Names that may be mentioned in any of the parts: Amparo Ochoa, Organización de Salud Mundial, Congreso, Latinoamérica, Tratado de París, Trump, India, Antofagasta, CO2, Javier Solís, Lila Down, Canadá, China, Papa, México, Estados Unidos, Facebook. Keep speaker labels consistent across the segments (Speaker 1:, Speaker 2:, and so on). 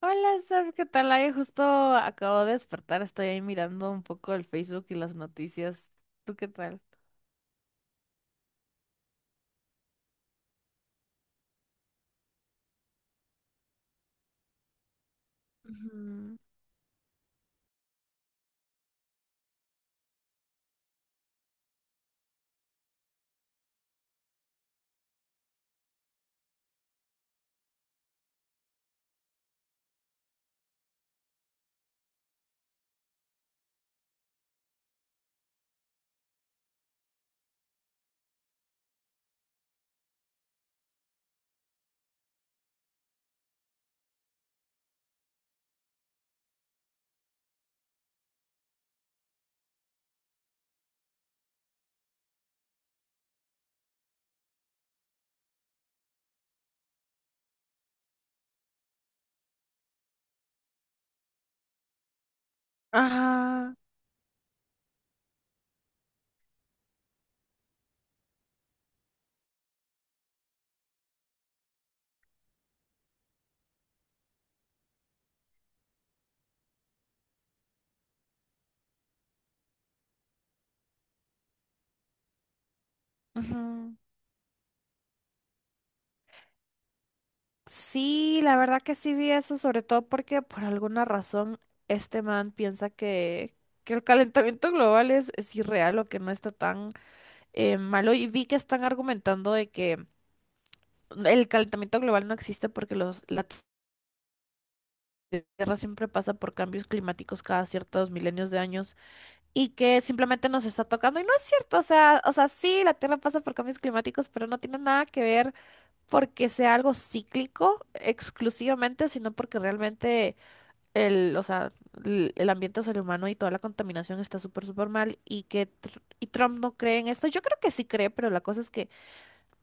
Speaker 1: Hola, Steph, ¿qué tal? Ay, justo acabo de despertar, estoy ahí mirando un poco el Facebook y las noticias. ¿Tú qué tal? Ujú. Ajá, ujú. Sí, la verdad que sí vi eso, sobre todo porque por alguna razón este man piensa que, el calentamiento global es irreal o que no está tan malo. Y vi que están argumentando de que el calentamiento global no existe porque la Tierra siempre pasa por cambios climáticos cada ciertos milenios de años. Y que simplemente nos está tocando. Y no es cierto, o sea, sí, la Tierra pasa por cambios climáticos, pero no tiene nada que ver porque sea algo cíclico exclusivamente, sino porque realmente o sea, el ambiente es el humano y toda la contaminación está súper, súper mal y que Trump no cree en esto. Yo creo que sí cree, pero la cosa es que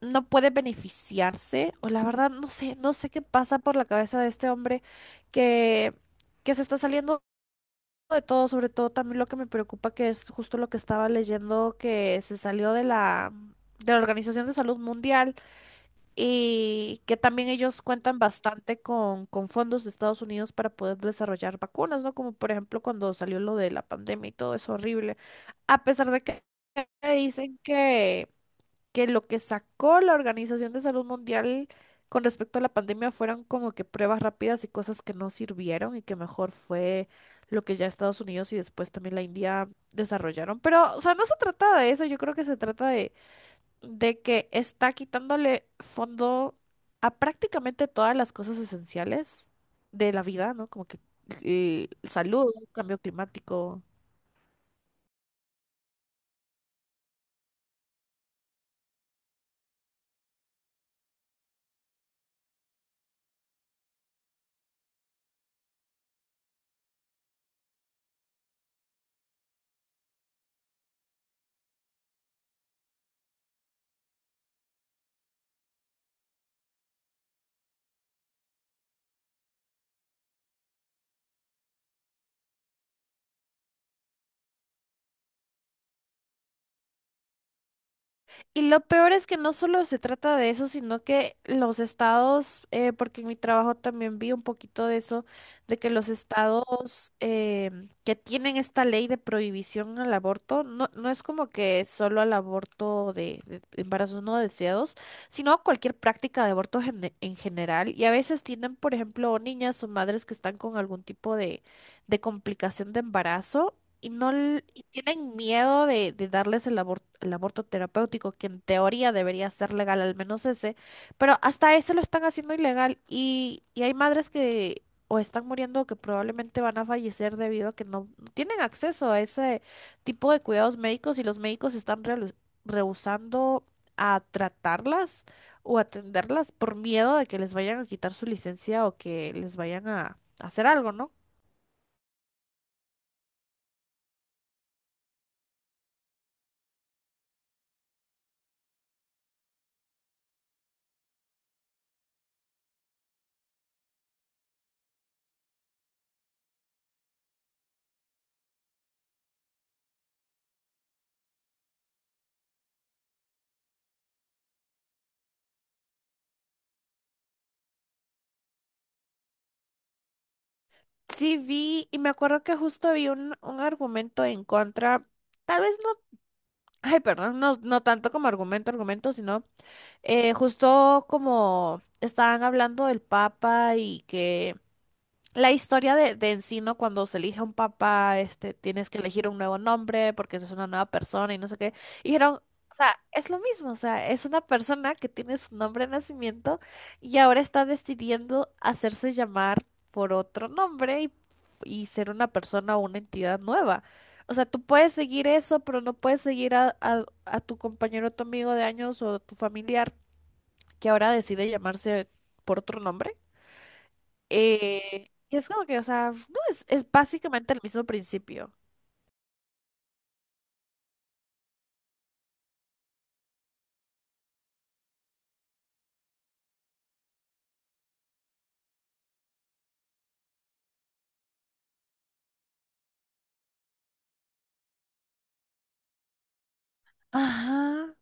Speaker 1: no puede beneficiarse, o la verdad, no sé qué pasa por la cabeza de este hombre que, que se está saliendo de todo, sobre todo también lo que me preocupa, que es justo lo que estaba leyendo, que se salió de la Organización de Salud Mundial y que también ellos cuentan bastante con fondos de Estados Unidos para poder desarrollar vacunas, ¿no? Como por ejemplo cuando salió lo de la pandemia y todo es horrible. A pesar de que dicen que lo que sacó la Organización de Salud Mundial con respecto a la pandemia fueron como que pruebas rápidas y cosas que no sirvieron y que mejor fue lo que ya Estados Unidos y después también la India desarrollaron. Pero, o sea, no se trata de eso, yo creo que se trata de que está quitándole fondo a prácticamente todas las cosas esenciales de la vida, ¿no? Como que salud, cambio climático. Y lo peor es que no solo se trata de eso, sino que los estados, porque en mi trabajo también vi un poquito de eso, de que los estados que tienen esta ley de prohibición al aborto, no, no es como que solo al aborto de embarazos no deseados, sino a cualquier práctica de aborto en general. Y a veces tienen, por ejemplo, niñas o madres que están con algún tipo de complicación de embarazo y no l- y tienen miedo de darles el aborto terapéutico, que en teoría debería ser legal, al menos ese, pero hasta ese lo están haciendo ilegal y hay madres que o están muriendo o que probablemente van a fallecer debido a que no, no tienen acceso a ese tipo de cuidados médicos y los médicos están rehusando a tratarlas o atenderlas por miedo de que les vayan a quitar su licencia o que les vayan a hacer algo, ¿no? Sí vi, y me acuerdo que justo vi un argumento en contra, tal vez no, ay, perdón, no, no tanto como argumento, argumento, sino justo como estaban hablando del Papa y que la historia de en sí, ¿no? Cuando se elige un papá, este, tienes que elegir un nuevo nombre porque eres una nueva persona y no sé qué. Y dijeron, o sea, es lo mismo, o sea, es una persona que tiene su nombre de nacimiento y ahora está decidiendo hacerse llamar por otro nombre y ser una persona o una entidad nueva. O sea, tú puedes seguir eso, pero no puedes seguir a tu compañero, tu amigo de años o tu familiar que ahora decide llamarse por otro nombre. Y es como que, o sea, no, es básicamente el mismo principio. Ajá.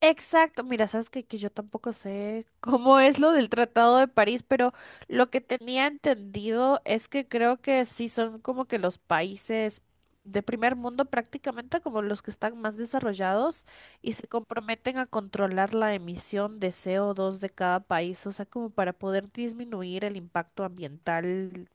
Speaker 1: Exacto. Mira, sabes que, yo tampoco sé cómo es lo del Tratado de París, pero lo que tenía entendido es que creo que sí son como que los países de primer mundo prácticamente como los que están más desarrollados y se comprometen a controlar la emisión de CO2 de cada país, o sea, como para poder disminuir el impacto ambiental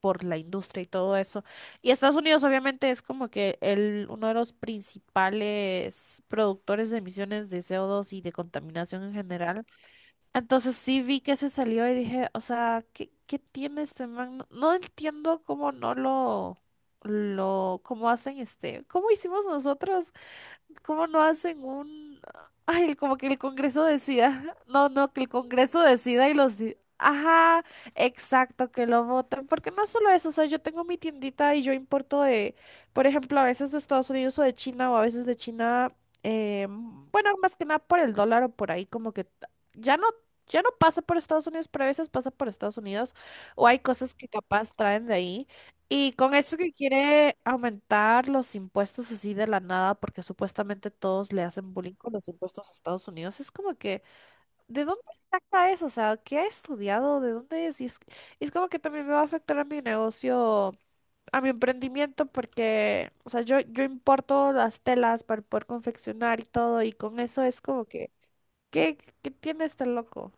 Speaker 1: por la industria y todo eso. Y Estados Unidos obviamente es como que uno de los principales productores de emisiones de CO2 y de contaminación en general. Entonces sí vi que se salió y dije, o sea, ¿qué tiene este man? No, no entiendo cómo no cómo hacen este, cómo hicimos nosotros. ¿Cómo no hacen un... ay, como que el Congreso decida? No, no, que el Congreso decida y los... Ajá, exacto, que lo voten. Porque no solo eso, o sea, yo tengo mi tiendita y yo importo de, por ejemplo, a veces de Estados Unidos o de China o a veces de China, bueno, más que nada por el dólar o por ahí, como que ya no, ya no pasa por Estados Unidos, pero a veces pasa por Estados Unidos o hay cosas que capaz traen de ahí. Y con eso que quiere aumentar los impuestos así de la nada, porque supuestamente todos le hacen bullying con los impuestos a Estados Unidos, es como que, ¿de dónde saca eso? O sea, ¿qué ha estudiado? ¿De dónde es? Y es como que también me va a afectar a mi negocio, a mi emprendimiento, porque, o sea, yo importo las telas para poder confeccionar y todo, y con eso es como que, ¿qué, qué tiene este loco?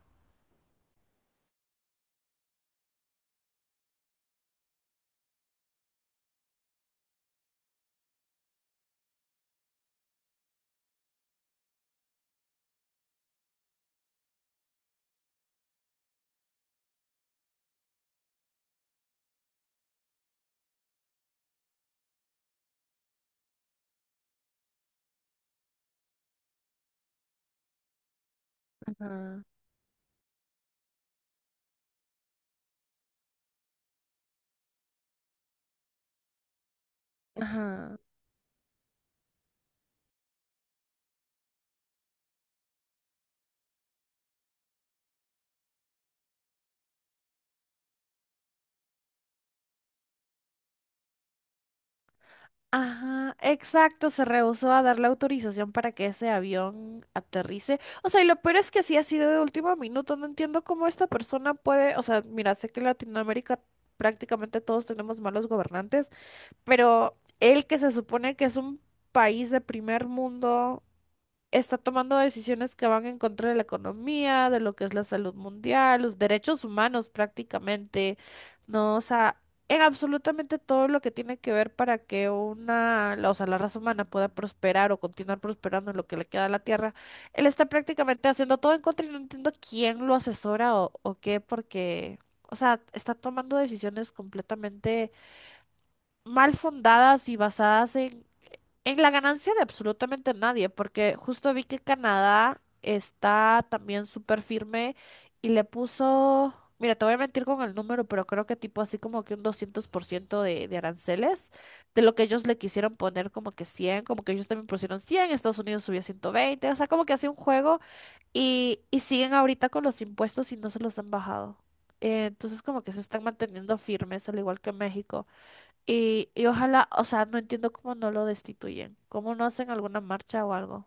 Speaker 1: Ajá, ajá. Ajá, exacto, se rehusó a darle autorización para que ese avión aterrice. O sea, y lo peor es que sí ha sido de último minuto. No entiendo cómo esta persona puede, o sea, mira, sé que en Latinoamérica prácticamente todos tenemos malos gobernantes, pero él que se supone que es un país de primer mundo, está tomando decisiones que van en contra de la economía, de lo que es la salud mundial, los derechos humanos prácticamente, ¿no? O sea, en absolutamente todo lo que tiene que ver para que o sea, la raza humana pueda prosperar o continuar prosperando en lo que le queda a la Tierra. Él está prácticamente haciendo todo en contra y no entiendo quién lo asesora o qué, porque... O sea, está tomando decisiones completamente mal fundadas y basadas en la ganancia de absolutamente nadie, porque justo vi que Canadá está también súper firme y le puso, mira, te voy a mentir con el número, pero creo que tipo así como que un 200% de aranceles, de lo que ellos le quisieron poner como que 100, como que ellos también pusieron 100, Estados Unidos subió 120. O sea, como que hacía un juego y siguen ahorita con los impuestos y no se los han bajado. Entonces como que se están manteniendo firmes, al igual que México. Y ojalá, o sea, no entiendo cómo no lo destituyen, cómo no hacen alguna marcha o algo.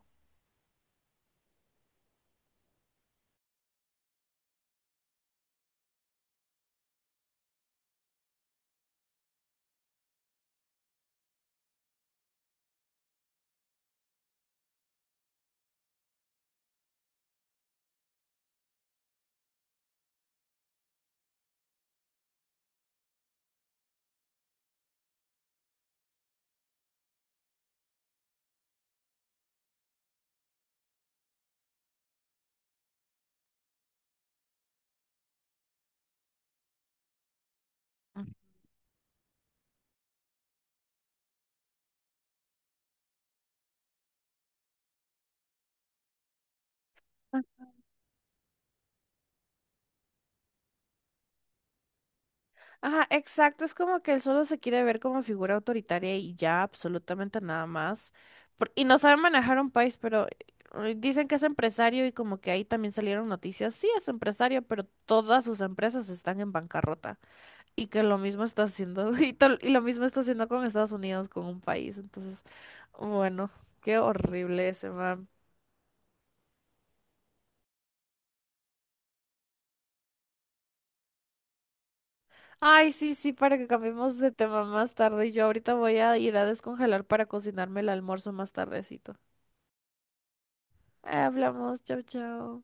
Speaker 1: Ajá, exacto, es como que él solo se quiere ver como figura autoritaria y ya, absolutamente nada más. Y no sabe manejar un país, pero dicen que es empresario y como que ahí también salieron noticias. Sí, es empresario, pero todas sus empresas están en bancarrota. Y que lo mismo está haciendo, y lo mismo está haciendo con Estados Unidos, con un país. Entonces, bueno, qué horrible ese man. Ay, sí, sí, para que cambiemos de tema más tarde. Yo ahorita voy a ir a descongelar para cocinarme el almuerzo más tardecito. Hablamos, chao, chao.